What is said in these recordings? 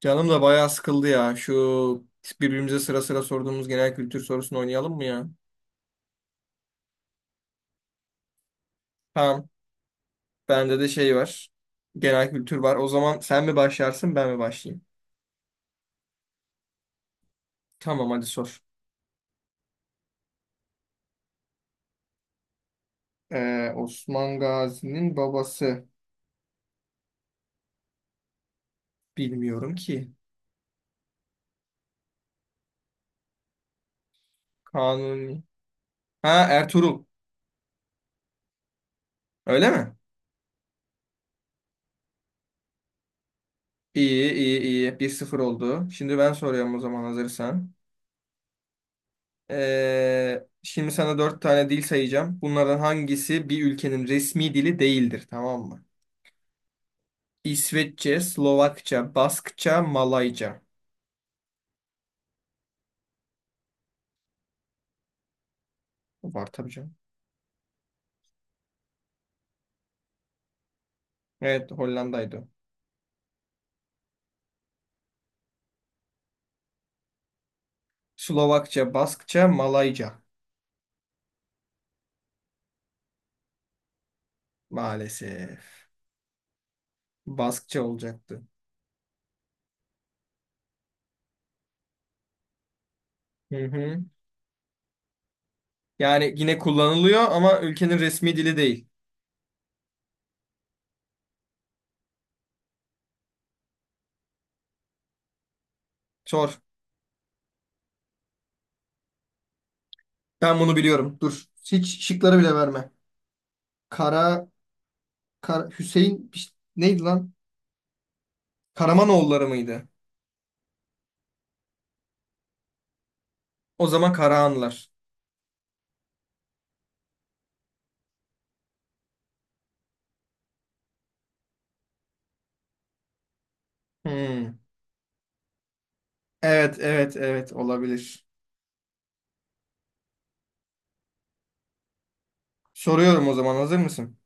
Canım da bayağı sıkıldı ya. Şu birbirimize sıra sıra sorduğumuz genel kültür sorusunu oynayalım mı ya? Tamam. Bende de şey var. Genel kültür var. O zaman sen mi başlarsın ben mi başlayayım? Tamam, hadi sor. Osman Gazi'nin babası. Bilmiyorum ki. Kanuni. Ha, Ertuğrul. Öyle mi? İyi iyi iyi. 1-0 oldu. Şimdi ben soruyorum o zaman hazırsan. Şimdi sana 4 tane dil sayacağım. Bunlardan hangisi bir ülkenin resmi dili değildir? Tamam mı? İsveççe, Slovakça, Baskça, Malayca. Var tabii canım. Evet, Hollanda'ydı. Slovakça, Baskça, Malayca. Maalesef. Baskça olacaktı. Hı hı. Yani yine kullanılıyor ama ülkenin resmi dili değil. Sor. Ben bunu biliyorum. Dur. Hiç şıkları bile verme. Kara, Kara Hüseyin neydi lan? Karamanoğulları mıydı? O zaman Karahanlılar. Hmm. Evet, evet, evet, olabilir. Soruyorum o zaman hazır mısın?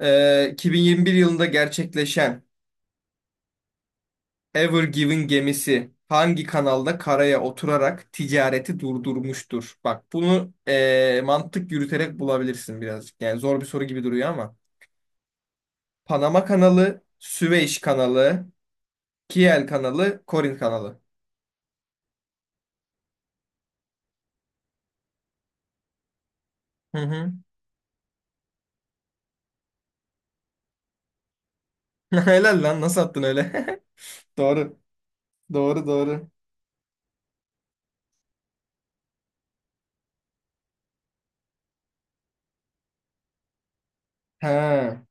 2021 yılında gerçekleşen Ever Given gemisi hangi kanalda karaya oturarak ticareti durdurmuştur? Bak bunu, mantık yürüterek bulabilirsin birazcık. Yani zor bir soru gibi duruyor ama. Panama kanalı, Süveyş kanalı, Kiel kanalı, Korin kanalı. Hı hı. Helal lan, nasıl attın öyle? Doğru. Doğru doğru. Ha.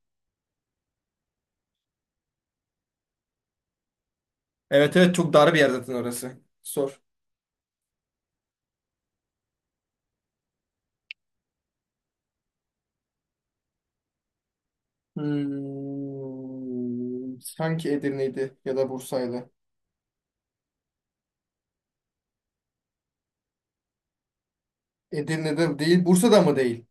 Evet evet, çok dar bir yer zaten orası. Sor. Hmm, sanki Edirne'ydi ya da Bursa'ydı. Edirne'de değil, Bursa'da mı değil?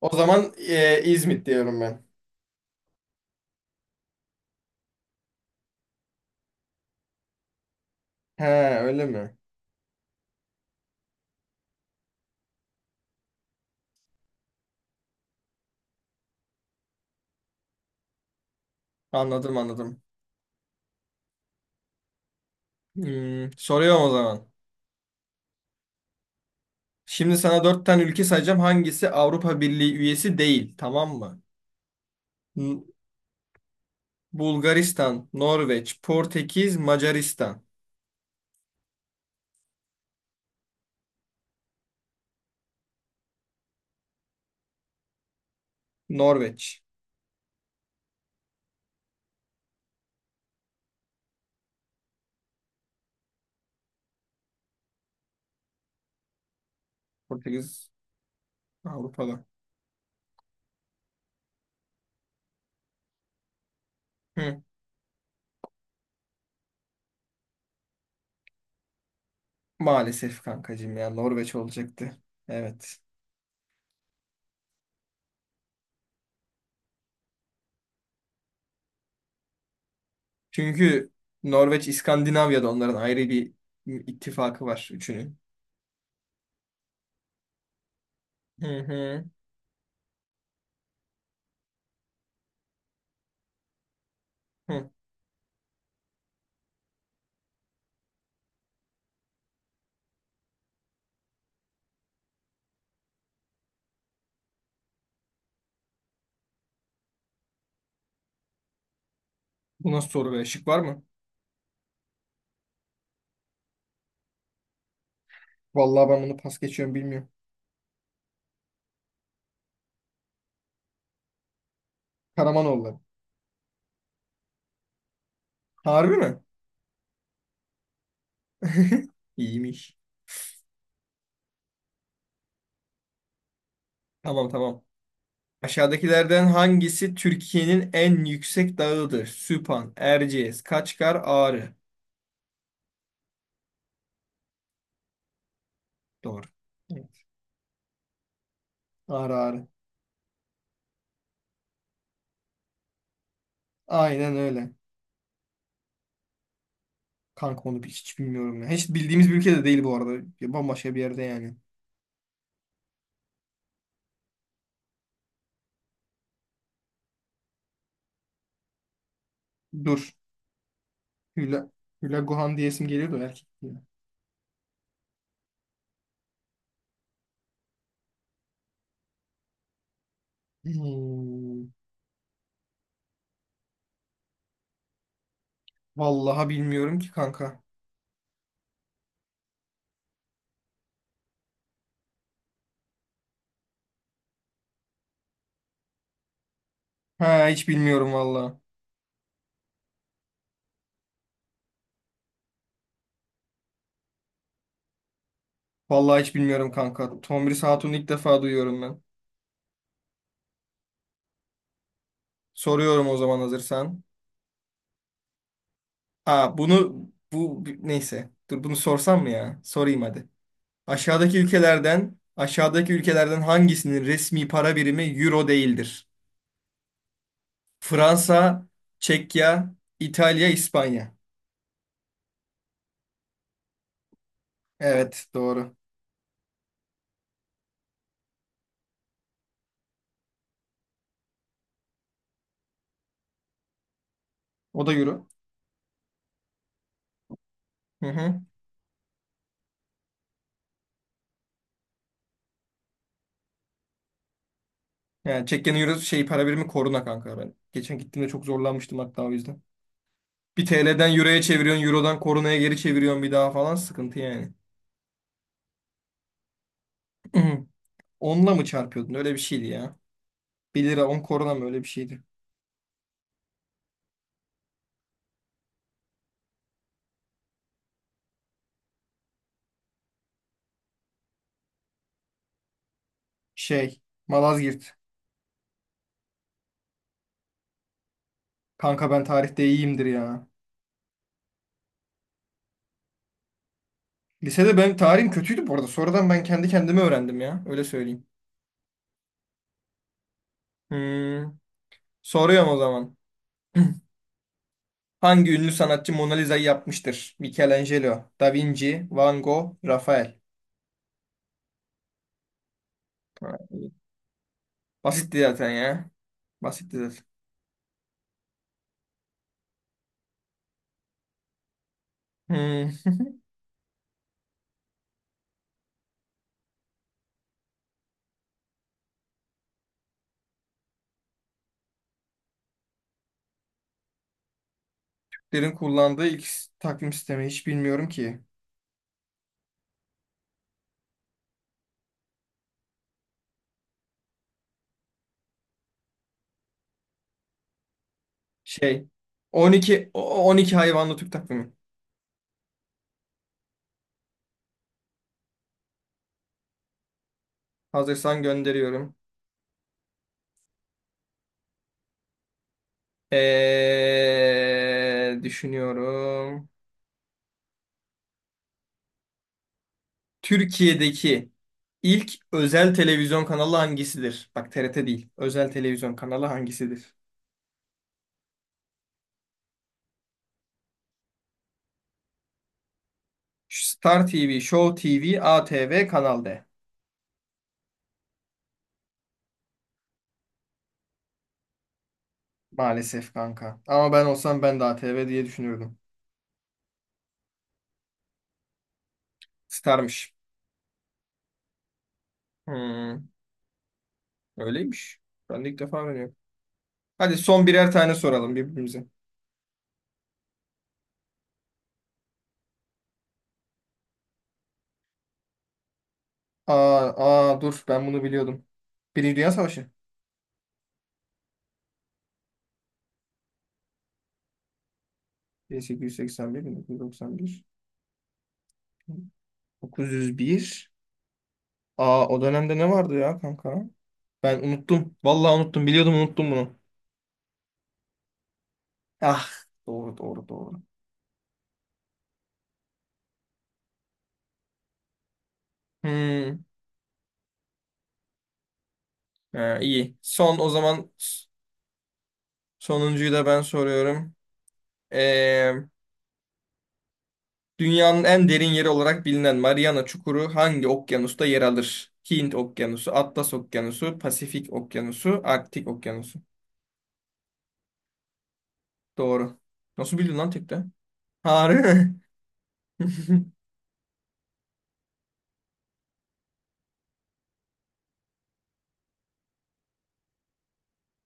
O zaman İzmit diyorum ben. He, öyle mi? Anladım anladım. Hmm, soruyorum o zaman. Şimdi sana dört tane ülke sayacağım. Hangisi Avrupa Birliği üyesi değil? Tamam mı? N- Bulgaristan, Norveç, Portekiz, Macaristan. Norveç. Portekiz Avrupa'da. Hı. Maalesef kankacığım ya, Norveç olacaktı. Evet. Çünkü Norveç İskandinavya'da, onların ayrı bir ittifakı var üçünün. Hı hı. Hı. Bu nasıl soru be? Şık var mı? Vallahi ben bunu pas geçiyorum, bilmiyorum. Karamanoğulları. Harbi mi? İyiymiş. Tamam tamam. Aşağıdakilerden hangisi Türkiye'nin en yüksek dağıdır? Süphan, Erciyes, Kaçkar, Ağrı. Doğru. Evet. Ağrı Ağrı. Aynen öyle. Kanka onu hiç bilmiyorum ya. Hiç bildiğimiz bir ülkede değil bu arada. Ya bambaşka bir yerde yani. Dur. Hüla, Hüla Guhan diyesim geliyor da erkek diye. Hmm. Vallahi bilmiyorum ki kanka. Ha, hiç bilmiyorum vallahi. Vallahi hiç bilmiyorum kanka. Tomris Hatun'u ilk defa duyuyorum ben. Soruyorum o zaman hazırsan. Aa, bu neyse. Dur, bunu sorsam mı ya? Sorayım hadi. Aşağıdaki ülkelerden hangisinin resmi para birimi euro değildir? Fransa, Çekya, İtalya, İspanya. Evet, doğru. O da euro. Hı hı. Yani Çekya'nın euro şey para birimi koruna kanka ben. Geçen gittiğimde çok zorlanmıştım hatta o yüzden. Bir TL'den euroya çeviriyorsun, eurodan korunaya geri çeviriyorsun bir daha falan, sıkıntı yani. Hı. Onunla mı çarpıyordun? Öyle bir şeydi ya. 1 lira 10 korona mı, öyle bir şeydi. Şey, Malazgirt. Kanka ben tarihte iyiyimdir ya. Lisede ben tarihim kötüydü bu arada. Sonradan ben kendi kendime öğrendim ya. Öyle söyleyeyim. Hmm. Soruyorum o zaman. Hangi ünlü sanatçı Mona Lisa'yı yapmıştır? Michelangelo, Da Vinci, Van Gogh, Rafael. Ha, iyi. Basitti zaten ya. Basitti zaten. Hmm. Derin kullandığı ilk takvim sistemi hiç bilmiyorum ki. Şey, on iki hayvanlı Türk takvimi. Hazırsan gönderiyorum. Düşünüyorum. Türkiye'deki ilk özel televizyon kanalı hangisidir? Bak TRT değil. Özel televizyon kanalı hangisidir? Star TV, Show TV, ATV, Kanal D. Maalesef kanka. Ama ben olsam ben de ATV diye düşünürdüm. Star'mış. Hmm, öyleymiş. Ben de ilk defa öğreniyorum. Hadi son birer tane soralım birbirimize. Aa, aa dur, ben bunu biliyordum. Birinci Dünya Savaşı. 1881-1991. 901. Aa, o dönemde ne vardı ya kanka? Ben unuttum. Vallahi unuttum. Biliyordum, unuttum bunu. Ah, doğru doğru doğru. Hmm. Ha, iyi. Son o zaman sonuncuyu da ben soruyorum. Ee, Dünyanın en derin yeri olarak bilinen Mariana Çukuru hangi okyanusta yer alır? Hint Okyanusu, Atlas Okyanusu, Pasifik Okyanusu, Arktik Okyanusu. Doğru. Nasıl bildin lan tekte? Harbi mi?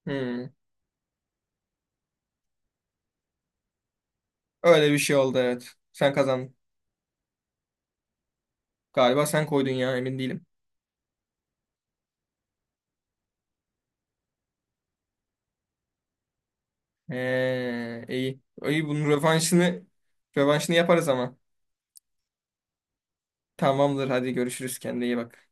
Hmm. Öyle bir şey oldu, evet. Sen kazandın. Galiba sen koydun ya, emin değilim. İyi. İyi bunun rövanşını yaparız ama. Tamamdır, hadi görüşürüz, kendine iyi bak.